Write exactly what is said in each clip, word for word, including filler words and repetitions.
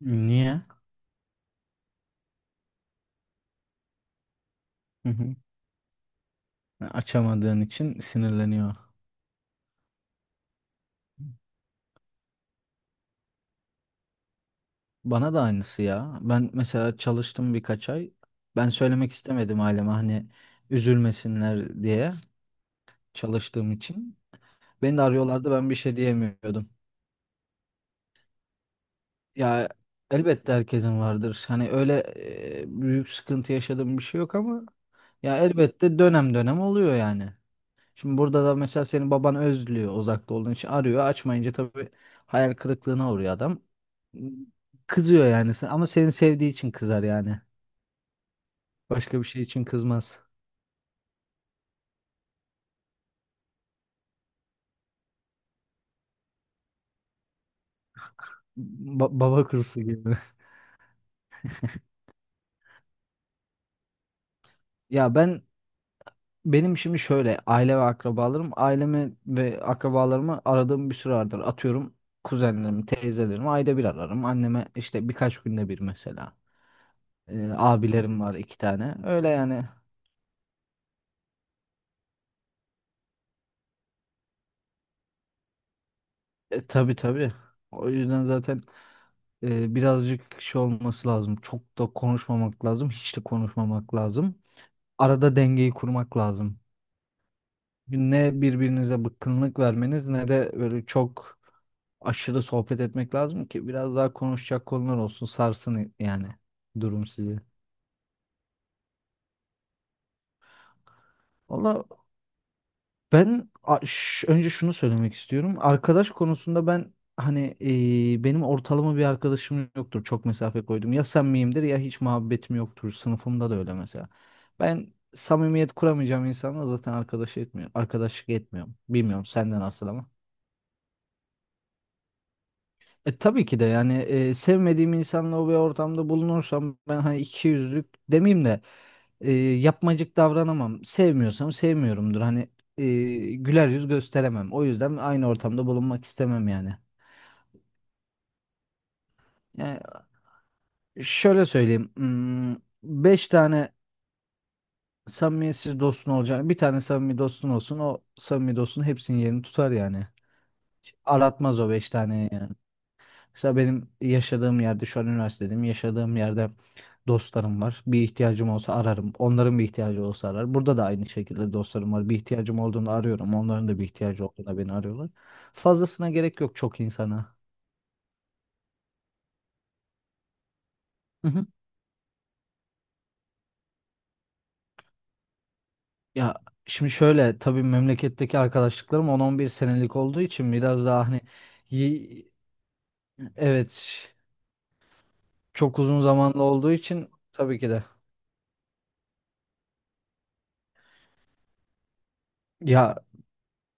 Niye? Hı hı. Açamadığın için sinirleniyor. Bana da aynısı ya. Ben mesela çalıştım birkaç ay. Ben söylemek istemedim aileme, hani üzülmesinler diye, çalıştığım için. Beni de arıyorlardı, ben bir şey diyemiyordum. Ya, elbette herkesin vardır. Hani öyle e, büyük sıkıntı yaşadığım bir şey yok ama ya elbette dönem dönem oluyor yani. Şimdi burada da mesela senin baban özlüyor uzakta olduğun için arıyor. Açmayınca tabii hayal kırıklığına uğruyor adam. Kızıyor yani sen- ama seni sevdiği için kızar yani. Başka bir şey için kızmaz. Ba- baba kuzusu gibi. Ya ben benim şimdi şöyle aile ve akrabalarım ailemi ve akrabalarımı aradığım bir süre vardır. Atıyorum, kuzenlerimi, teyzelerimi ayda bir ararım. Anneme işte birkaç günde bir mesela. Ee, abilerim var iki tane. Öyle yani. E, tabii, tabii. O yüzden zaten e, birazcık şey olması lazım. Çok da konuşmamak lazım. Hiç de konuşmamak lazım. Arada dengeyi kurmak lazım. Ne birbirinize bıkkınlık vermeniz ne de böyle çok aşırı sohbet etmek lazım ki biraz daha konuşacak konular olsun. Sarsın yani durum sizi. Valla, ben a- ş- önce şunu söylemek istiyorum. Arkadaş konusunda ben, hani, e, benim ortalama bir arkadaşım yoktur. Çok mesafe koydum. Ya samimiyimdir ya hiç muhabbetim yoktur. Sınıfımda da öyle mesela. Ben samimiyet kuramayacağım insanla zaten arkadaş etmiyorum. Arkadaşlık etmiyorum. Bilmiyorum senden nasıl ama. E, tabii ki de yani e, sevmediğim insanla o bir ortamda bulunursam, ben hani iki yüzlük demeyeyim de e, yapmacık davranamam. Sevmiyorsam sevmiyorumdur. Hani e, güler yüz gösteremem. O yüzden aynı ortamda bulunmak istemem yani. Yani şöyle söyleyeyim. hmm, Beş tane samimiyetsiz dostun olacağını bir tane samimi dostun olsun, o samimi dostun hepsinin yerini tutar yani. Hiç aratmaz o beş tane yani. Mesela benim yaşadığım yerde, şu an üniversitedeyim, yaşadığım yerde dostlarım var. Bir ihtiyacım olsa ararım. Onların bir ihtiyacı olsa arar. Burada da aynı şekilde dostlarım var. Bir ihtiyacım olduğunda arıyorum. Onların da bir ihtiyacı olduğunda beni arıyorlar. Fazlasına gerek yok, çok insana. Hı hı. Ya, şimdi şöyle tabii memleketteki arkadaşlıklarım on-on bir senelik olduğu için biraz daha hani y- evet, çok uzun zamanlı olduğu için tabii ki de, ya,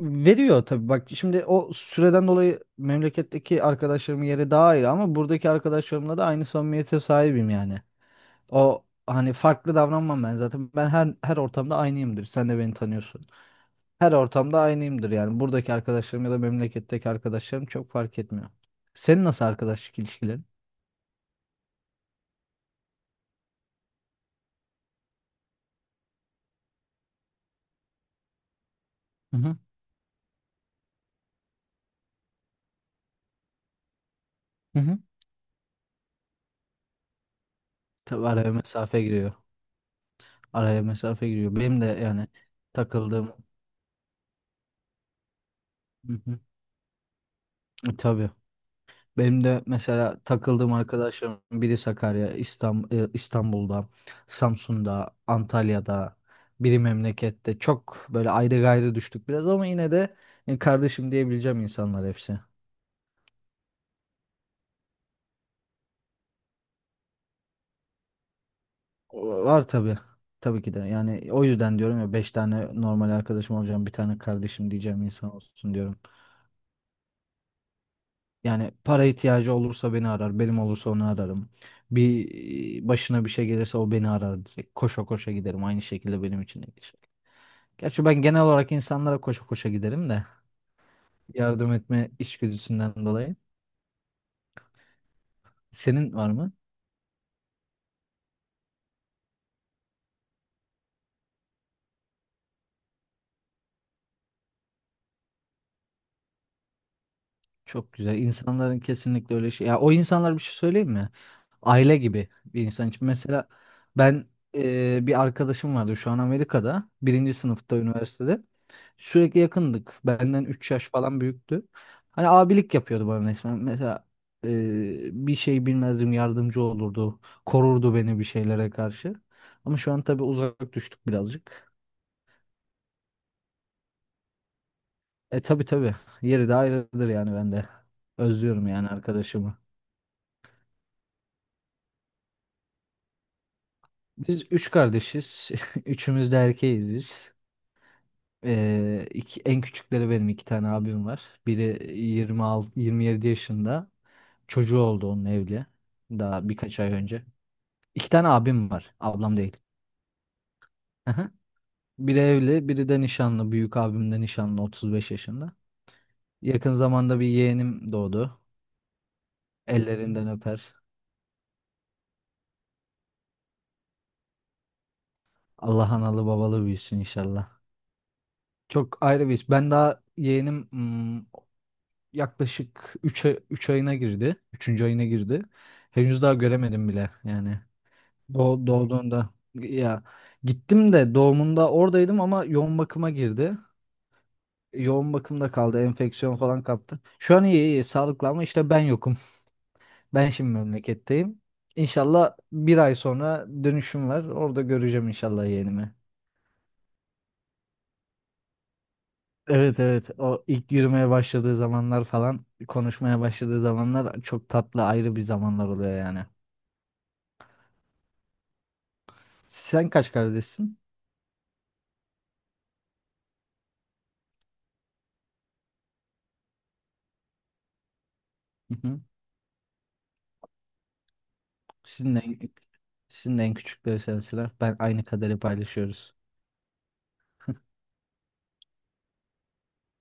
veriyor tabii, bak şimdi o süreden dolayı memleketteki arkadaşlarımın yeri daha ayrı ama buradaki arkadaşlarımla da aynı samimiyete sahibim yani. O hani farklı davranmam ben zaten. Ben her her ortamda aynıyımdır. Sen de beni tanıyorsun. Her ortamda aynıyımdır yani. Buradaki arkadaşlarım ya da memleketteki arkadaşlarım çok fark etmiyor. Senin nasıl arkadaşlık ilişkilerin? Hı hı. Hı hı. Tabii araya mesafe giriyor. Araya mesafe giriyor. Benim de yani takıldığım. Hı hı. E, Tabii. Benim de mesela takıldığım arkadaşlarım biri Sakarya, İstanbul, İstanbul'da, Samsun'da, Antalya'da, biri memlekette. Çok böyle ayrı gayrı düştük biraz ama yine de e, kardeşim diyebileceğim insanlar hepsi. O- Var tabii. Tabii ki de. Yani o yüzden diyorum ya, beş tane normal arkadaşım olacağım, bir tane kardeşim diyeceğim insan olsun diyorum. Yani para ihtiyacı olursa beni arar, benim olursa onu ararım. Bir e, başına bir şey gelirse o beni arar direkt. Koşa koşa giderim. Aynı şekilde benim için de geçer. Gerçi ben genel olarak insanlara koşa koşa giderim de, yardım etme içgüdüsünden dolayı. Senin var mı? Çok güzel. İnsanların kesinlikle öyle şey. Ya o insanlar, bir şey söyleyeyim mi? Aile gibi bir insan için. Mesela ben e, bir arkadaşım vardı şu an Amerika'da. Birinci sınıfta üniversitede. Sürekli yakındık. Benden üç yaş falan büyüktü. Hani abilik yapıyordu bana resmen. Mesela e, bir şey bilmezdim yardımcı olurdu. Korurdu beni bir şeylere karşı. Ama şu an tabii uzak düştük birazcık. E tabii tabii. Yeri de ayrıdır yani ben de. Özlüyorum yani arkadaşımı. Biz üç kardeşiz. Üçümüz de erkeğiz biz. Ee, iki- en küçükleri benim, iki tane abim var. Biri yirmi altı, yirmi yedi yaşında. Çocuğu oldu, onun evli. Daha birkaç ay önce. İki tane abim var. Ablam değil. Aha. Biri evli, biri de nişanlı. Büyük abim de nişanlı, otuz beş yaşında. Yakın zamanda bir yeğenim doğdu. Ellerinden öper. Allah analı babalı büyüsün inşallah. Çok ayrı bir iş. Ben daha yeğenim, hmm, yaklaşık üç üç ayına girdi. Üçüncü ayına girdi. Henüz daha göremedim bile yani. Doğ, doğduğunda, ya, gittim de doğumunda oradaydım ama yoğun bakıma girdi. Yoğun bakımda kaldı. Enfeksiyon falan kaptı. Şu an iyi iyi sağlıklı ama işte ben yokum. Ben şimdi memleketteyim. İnşallah bir ay sonra dönüşüm var. Orada göreceğim inşallah yeğenimi. Evet, evet, o ilk yürümeye başladığı zamanlar falan, konuşmaya başladığı zamanlar çok tatlı, ayrı bir zamanlar oluyor yani. Sen kaç kardeşsin? Hı hı. Sizin en, sizin en küçükleri sensinler. Ben aynı kaderi paylaşıyoruz.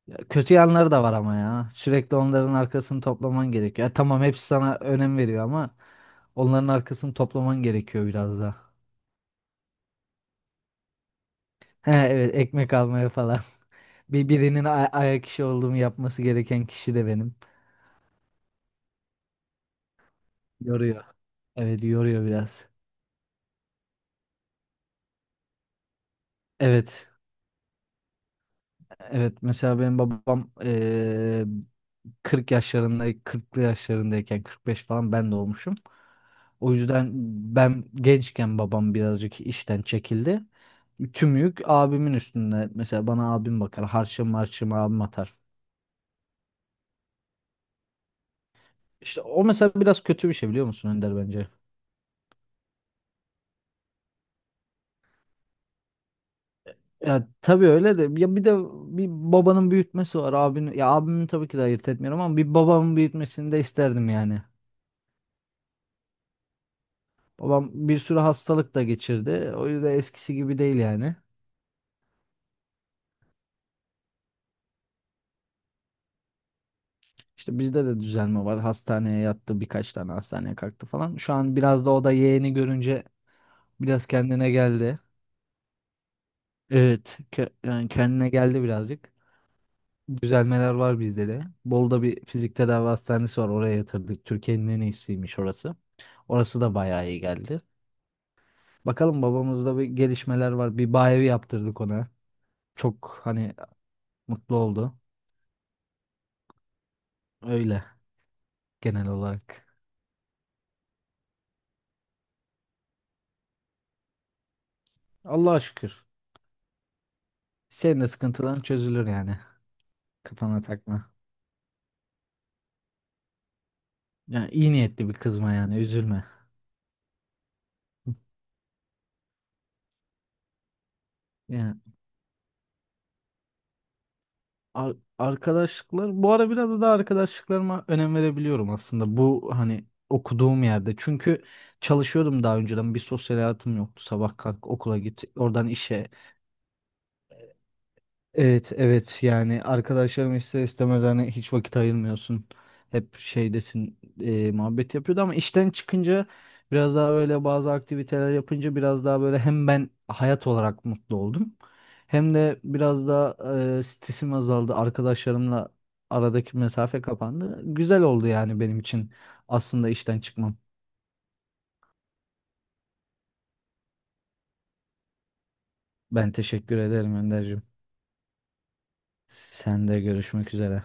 Ya kötü yanları da var ama ya. Sürekli onların arkasını toplaman gerekiyor. Ya tamam, hepsi sana önem veriyor ama onların arkasını toplaman gerekiyor biraz da. He, evet, ekmek almaya falan. Bir birinin ay- ayak işi olduğumu yapması gereken kişi de benim. Yoruyor. Evet, yoruyor biraz. Evet. Evet mesela benim babam kırk yaşlarında, kırklı yaşlarındayken, kırk beş falan ben de olmuşum. O yüzden ben gençken babam birazcık işten çekildi. Tüm yük abimin üstünde. Mesela bana abim bakar. Harçım harçım abim atar. İşte o mesela biraz kötü bir şey, biliyor musun Önder, bence? Ya tabii öyle de, ya, bir de bir babanın büyütmesi var, abinin, ya abimin, tabii ki de ayırt etmiyorum ama bir babamın büyütmesini de isterdim yani. Babam bir sürü hastalık da geçirdi. O yüzden eskisi gibi değil yani. İşte bizde de düzelme var. Hastaneye yattı, birkaç tane hastaneye kalktı falan. Şu an biraz da o da yeğeni görünce biraz kendine geldi. Evet, ke- yani kendine geldi birazcık. Düzelmeler var bizde de. Bolu'da bir fizik tedavi hastanesi var. Oraya yatırdık. Türkiye'nin en iyisiymiş orası. Orası da bayağı iyi geldi. Bakalım, babamızda bir gelişmeler var. Bir bayevi yaptırdık ona. Çok hani mutlu oldu. Öyle, genel olarak. Allah'a şükür. Senin de sıkıntıların çözülür yani. Kafana takma. Yani iyi niyetli bir kızma, yani üzülme. Yani ar- arkadaşlıklar bu ara, biraz da arkadaşlıklarıma önem verebiliyorum aslında, bu hani okuduğum yerde. Çünkü çalışıyordum daha önceden, bir sosyal hayatım yoktu. Sabah kalk, okula git, oradan işe. Evet, evet, yani arkadaşlarım, ister istemez, hani hiç vakit ayırmıyorsun. Hep şeydesin, e, muhabbet yapıyordu ama işten çıkınca biraz daha böyle, bazı aktiviteler yapınca biraz daha böyle, hem ben hayat olarak mutlu oldum. Hem de biraz daha e, stresim azaldı. Arkadaşlarımla aradaki mesafe kapandı. Güzel oldu yani benim için aslında işten çıkmam. Ben teşekkür ederim Önderciğim. Sen de görüşmek üzere.